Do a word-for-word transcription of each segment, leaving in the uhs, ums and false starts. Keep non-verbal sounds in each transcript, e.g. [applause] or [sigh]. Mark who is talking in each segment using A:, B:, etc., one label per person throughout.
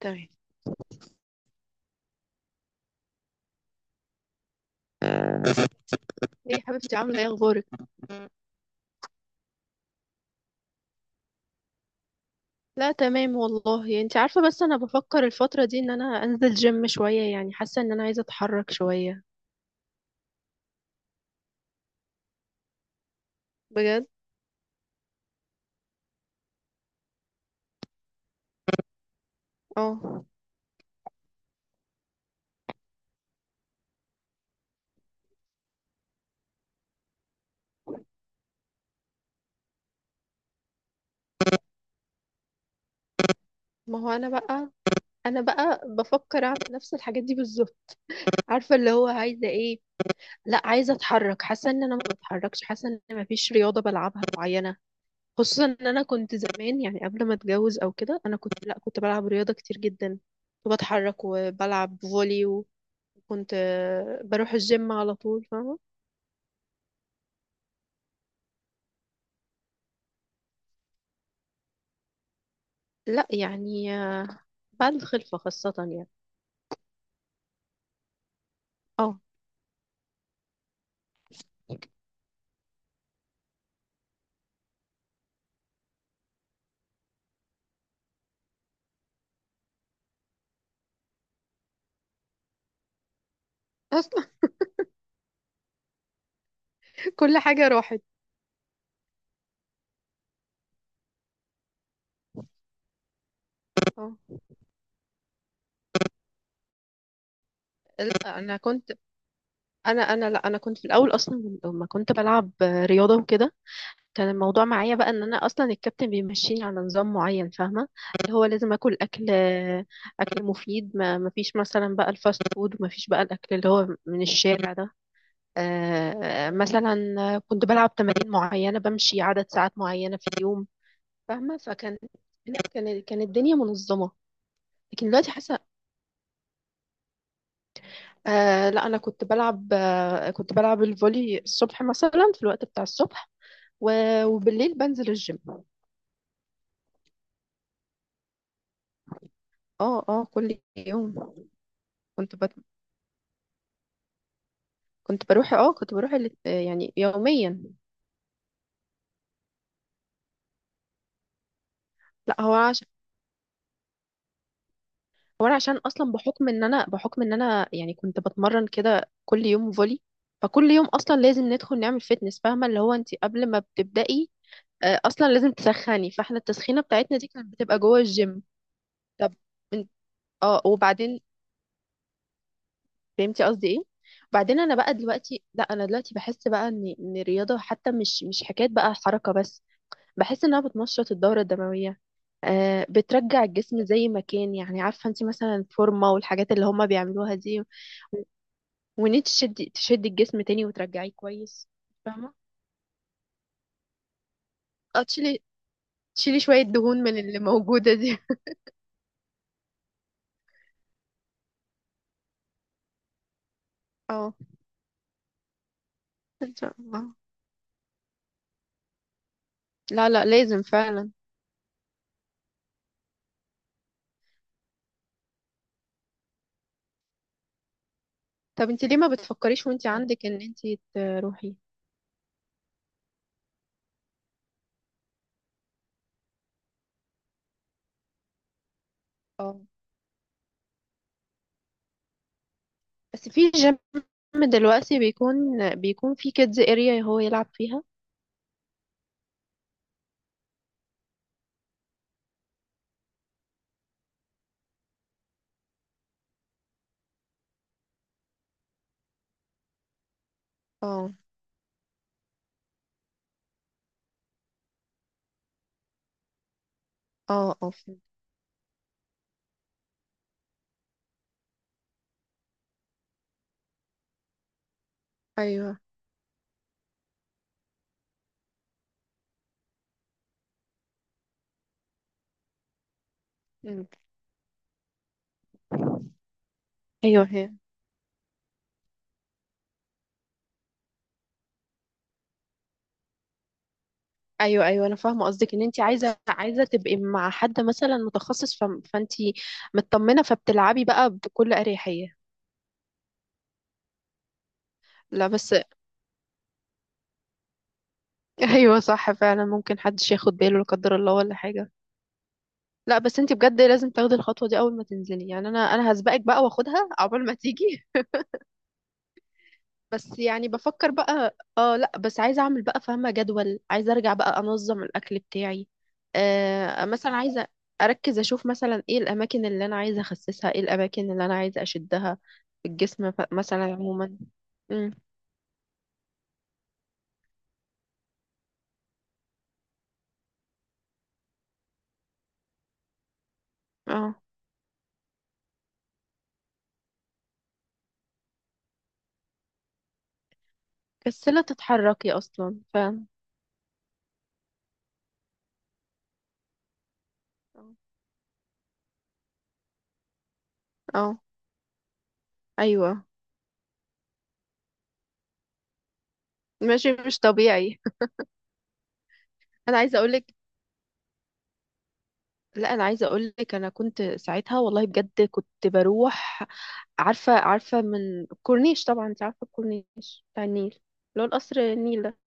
A: تمام. ايه يا حبيبتي، عامله ايه، اخبارك؟ لا تمام والله، انت عارفه، بس انا بفكر الفتره دي ان انا انزل جيم شويه، يعني حاسه ان انا عايزه اتحرك شويه. بجد؟ اه. ما هو انا بقى انا بقى بفكر اعمل نفس الحاجات دي بالظبط. عارفه اللي هو عايزه ايه. لا، عايزه اتحرك، حاسه ان انا ما بتحركش، حاسه ان انا ما فيش رياضه بلعبها معينه. خصوصا ان انا كنت زمان، يعني قبل ما اتجوز او كده، انا كنت، لا، كنت بلعب رياضه كتير جدا. كنت بتحرك وبلعب فولي. كنت آه، بروح الجيم على طول، فاهمة؟ لا يعني آه، بعد الخلفة خاصة، يعني اه. اصلا [laughs] كل حاجة راحت. اه. لا، انا كنت انا انا لا انا كنت في الاول اصلا لما كنت بلعب آه، رياضة وكده. كان الموضوع معايا بقى ان انا اصلا الكابتن بيمشيني على نظام معين، فاهمة؟ اللي هو لازم اكل اكل آه، اكل مفيد. ما ما فيش مثلا بقى الفاست فود، وما فيش بقى الاكل اللي هو من الشارع ده. آه، مثلا كنت بلعب تمارين معينة، بمشي عدد ساعات معينة في اليوم، فاهمة؟ فكان كان كان الدنيا منظمة. لكن دلوقتي حاسة آه، لا. أنا كنت بلعب آه كنت بلعب الفولي الصبح، مثلا في الوقت بتاع الصبح، و- وبالليل بنزل الجيم. اه، اه، كل يوم. كنت بت... كنت بروح اه كنت بروح ال- آه، يعني يوميا. لا، هو عشان هو انا عشان اصلا بحكم ان انا بحكم ان انا يعني كنت بتمرن كده كل يوم فولي. فكل يوم اصلا لازم ندخل نعمل فيتنس، فاهمه؟ اللي هو انت قبل ما بتبدأي، آه، اصلا لازم تسخني. فاحنا التسخينه بتاعتنا دي كانت بتبقى جوه الجيم. طب، انت- اه وبعدين، فهمتي قصدي ايه؟ وبعدين انا بقى دلوقتي لا انا دلوقتي بحس بقى ان ان الرياضه حتى مش مش حكايه بقى حركه بس. بحس انها بتنشط الدوره الدمويه، آه بترجع الجسم زي ما كان، يعني عارفه انت مثلا الفورمه والحاجات اللي هما بيعملوها دي. وان انت تشدي تشدي الجسم تاني وترجعيه كويس، فاهمه. اه، تشيلي تشيلي شويه دهون من اللي موجوده دي. [laughs] اه، ان شاء الله. لا، لا، لازم فعلا. طب انت ليه ما بتفكريش وانت عندك، ان انت تروحي؟ اه، بس في جيم دلوقتي بيكون بيكون في كيدز اريا هو يلعب فيها. اه، اه، اه، فهمت. ايوه، مم. ايوه، هي. ايوه، ايوه، انا فاهمه قصدك، ان انت عايزه عايزه تبقي مع حد مثلا متخصص، ف... فانت مطمنه، فبتلعبي بقى بكل اريحيه. لا بس. [laughs] ايوه صح، فعلا ممكن حدش ياخد باله، لا قدر الله ولا حاجه. لا بس انت بجد لازم تاخدي الخطوه دي اول ما تنزلي، يعني انا انا هسبقك بقى واخدها، عقبال ما تيجي. بس يعني بفكر بقى اه، لا بس عايزه اعمل بقى، فاهمه، جدول. عايزه ارجع بقى انظم الاكل بتاعي، آه مثلا. عايزه اركز، اشوف مثلا ايه الاماكن اللي انا عايزه اخسسها، ايه الاماكن اللي انا عايزه اشدها في الجسم، ف- مثلا عموما. امم. اه، كسلة تتحركي اصلا، فاهم؟ اه، آه. ايوه، ماشي مش طبيعي. [laughs] انا عايزه اقولك، لا، انا عايزه اقول لك، انا كنت ساعتها والله بجد كنت بروح، عارفه عارفه من الكورنيش. طبعا انت عارفه الكورنيش بتاع النيل، اللي هو القصر النيل ده.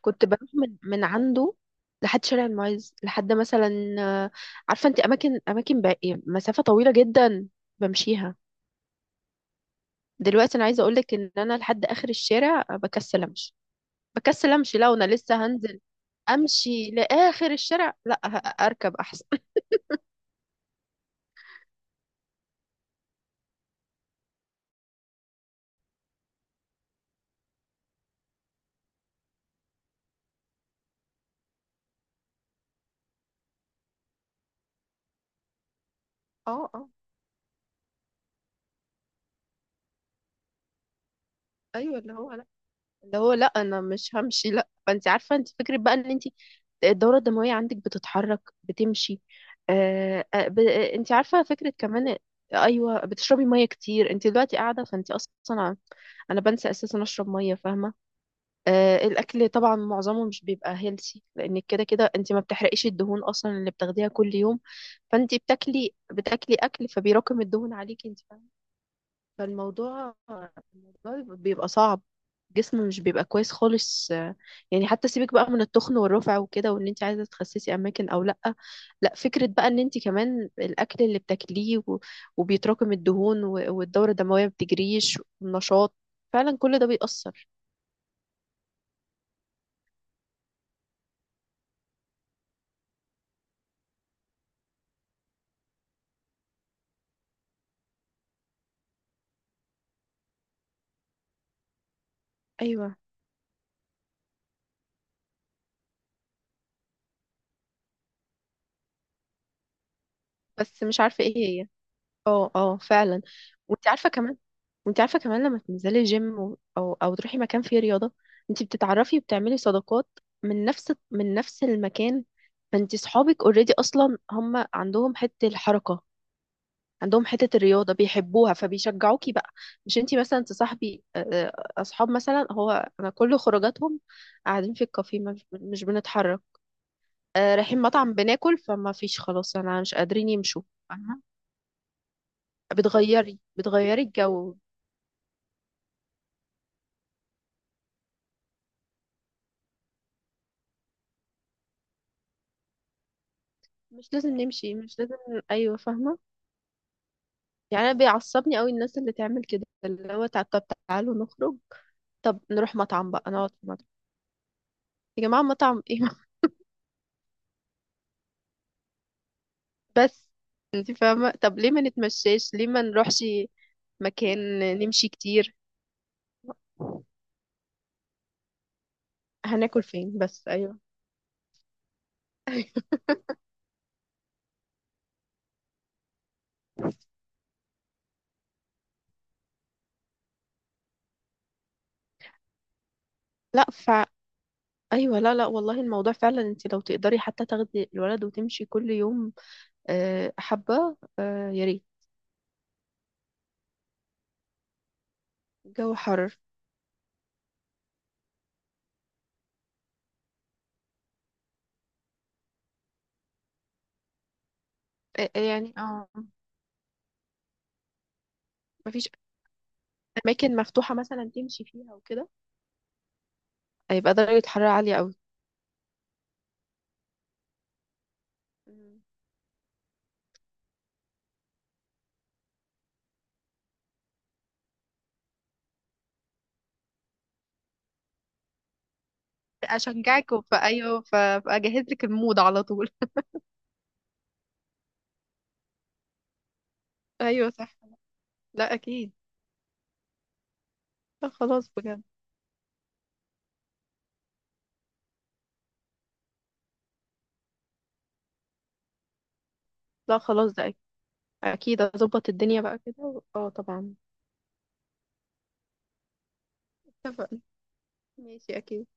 A: كنت بروح من من عنده لحد شارع المعز، لحد مثلا آه، عارفه انت اماكن، اماكن باقي مسافه طويله جدا بمشيها. دلوقتي انا عايزه اقول لك ان انا لحد اخر الشارع بكسل امشي. بكسل امشي، لا، وانا لسه هنزل، امشي لاخر الشارع، لا، ه- اركب احسن. [laughs] اه، اه. ايوه، اللي هو اللي هو لا انا مش همشي، لا، فانت عارفه، انت فكره بقى، ان انت الدوره الدمويه عندك بتتحرك، بتمشي. آه آه، ب... آه، انت عارفه فكره كمان. ايوه، بتشربي ميه كتير، انت دلوقتي قاعده فانت اصلا، انا بنسى اساسا اشرب ميه، فاهمه. آه الاكل طبعا معظمه مش بيبقى هيلسي، لان كده كده انت ما بتحرقيش الدهون اصلا اللي بتاخديها كل يوم. فانت بتاكلي بتاكلي اكل، فبيراكم الدهون عليكي انت. فالموضوع الموضوع بيبقى صعب، جسم مش بيبقى كويس خالص آه، يعني. حتى سيبك بقى من التخن والرفع وكده، وان انت عايزه تخسسي اماكن او لا. لا، فكره بقى ان انت كمان الاكل اللي بتاكليه و- وبيتراكم الدهون، و- والدوره الدمويه ما بتجريش والنشاط، فعلا كل ده بيأثر. ايوه، بس مش عارفه ايه هي. اه، اه، فعلا. وانت عارفه كمان، وانت عارفه كمان لما تنزلي جيم، و- او او تروحي مكان فيه رياضه، انت بتتعرفي وبتعملي صداقات من نفس من نفس المكان. فانت صحابك اوريدي اصلا هم عندهم حته الحركه، عندهم حته الرياضه بيحبوها، فبيشجعوكي بقى. مش انت مثلا تصاحبي آه، آه، اصحاب، مثلا هو انا كل خروجاتهم قاعدين في الكافيه، ما- مش بنتحرك. آه، رايحين مطعم بناكل، فما فيش خلاص، انا مش قادرين يمشوا، فاهمة؟ بتغيري بتغيري الجو، مش لازم نمشي، مش لازم. ايوه، فاهمه. يعني انا بيعصبني قوي الناس اللي تعمل كده، اللي هو تع- طب تعالوا نخرج، طب نروح مطعم بقى، نقعد في مطعم. يا جماعه مطعم ايه؟ [laughs] بس انت فاهمه، طب ليه ما نتمشاش، ليه ما نروحش مكان نمشي كتير؟ هناكل فين بس؟ ايوه. [laughs] لا، ف ايوه. لا، لا، والله الموضوع فعلا، انت لو تقدري حتى تاخدي الولد وتمشي كل يوم آه، حبه، آه، يا ريت. الجو حر، آه، يعني، اه. مفيش اماكن مفتوحه مثلا تمشي فيها وكده، هيبقى درجه حراره عاليه قوي. مم. اشجعك وف... ايوه، ف- فاجهز لك المود على طول. [laughs] ايوه صح. لا، اكيد. لا خلاص، بجد. لا خلاص، ده اكيد. اكيد اظبط الدنيا بقى كده، و- اه طبعا. اتفقنا. ماشي، اكيد.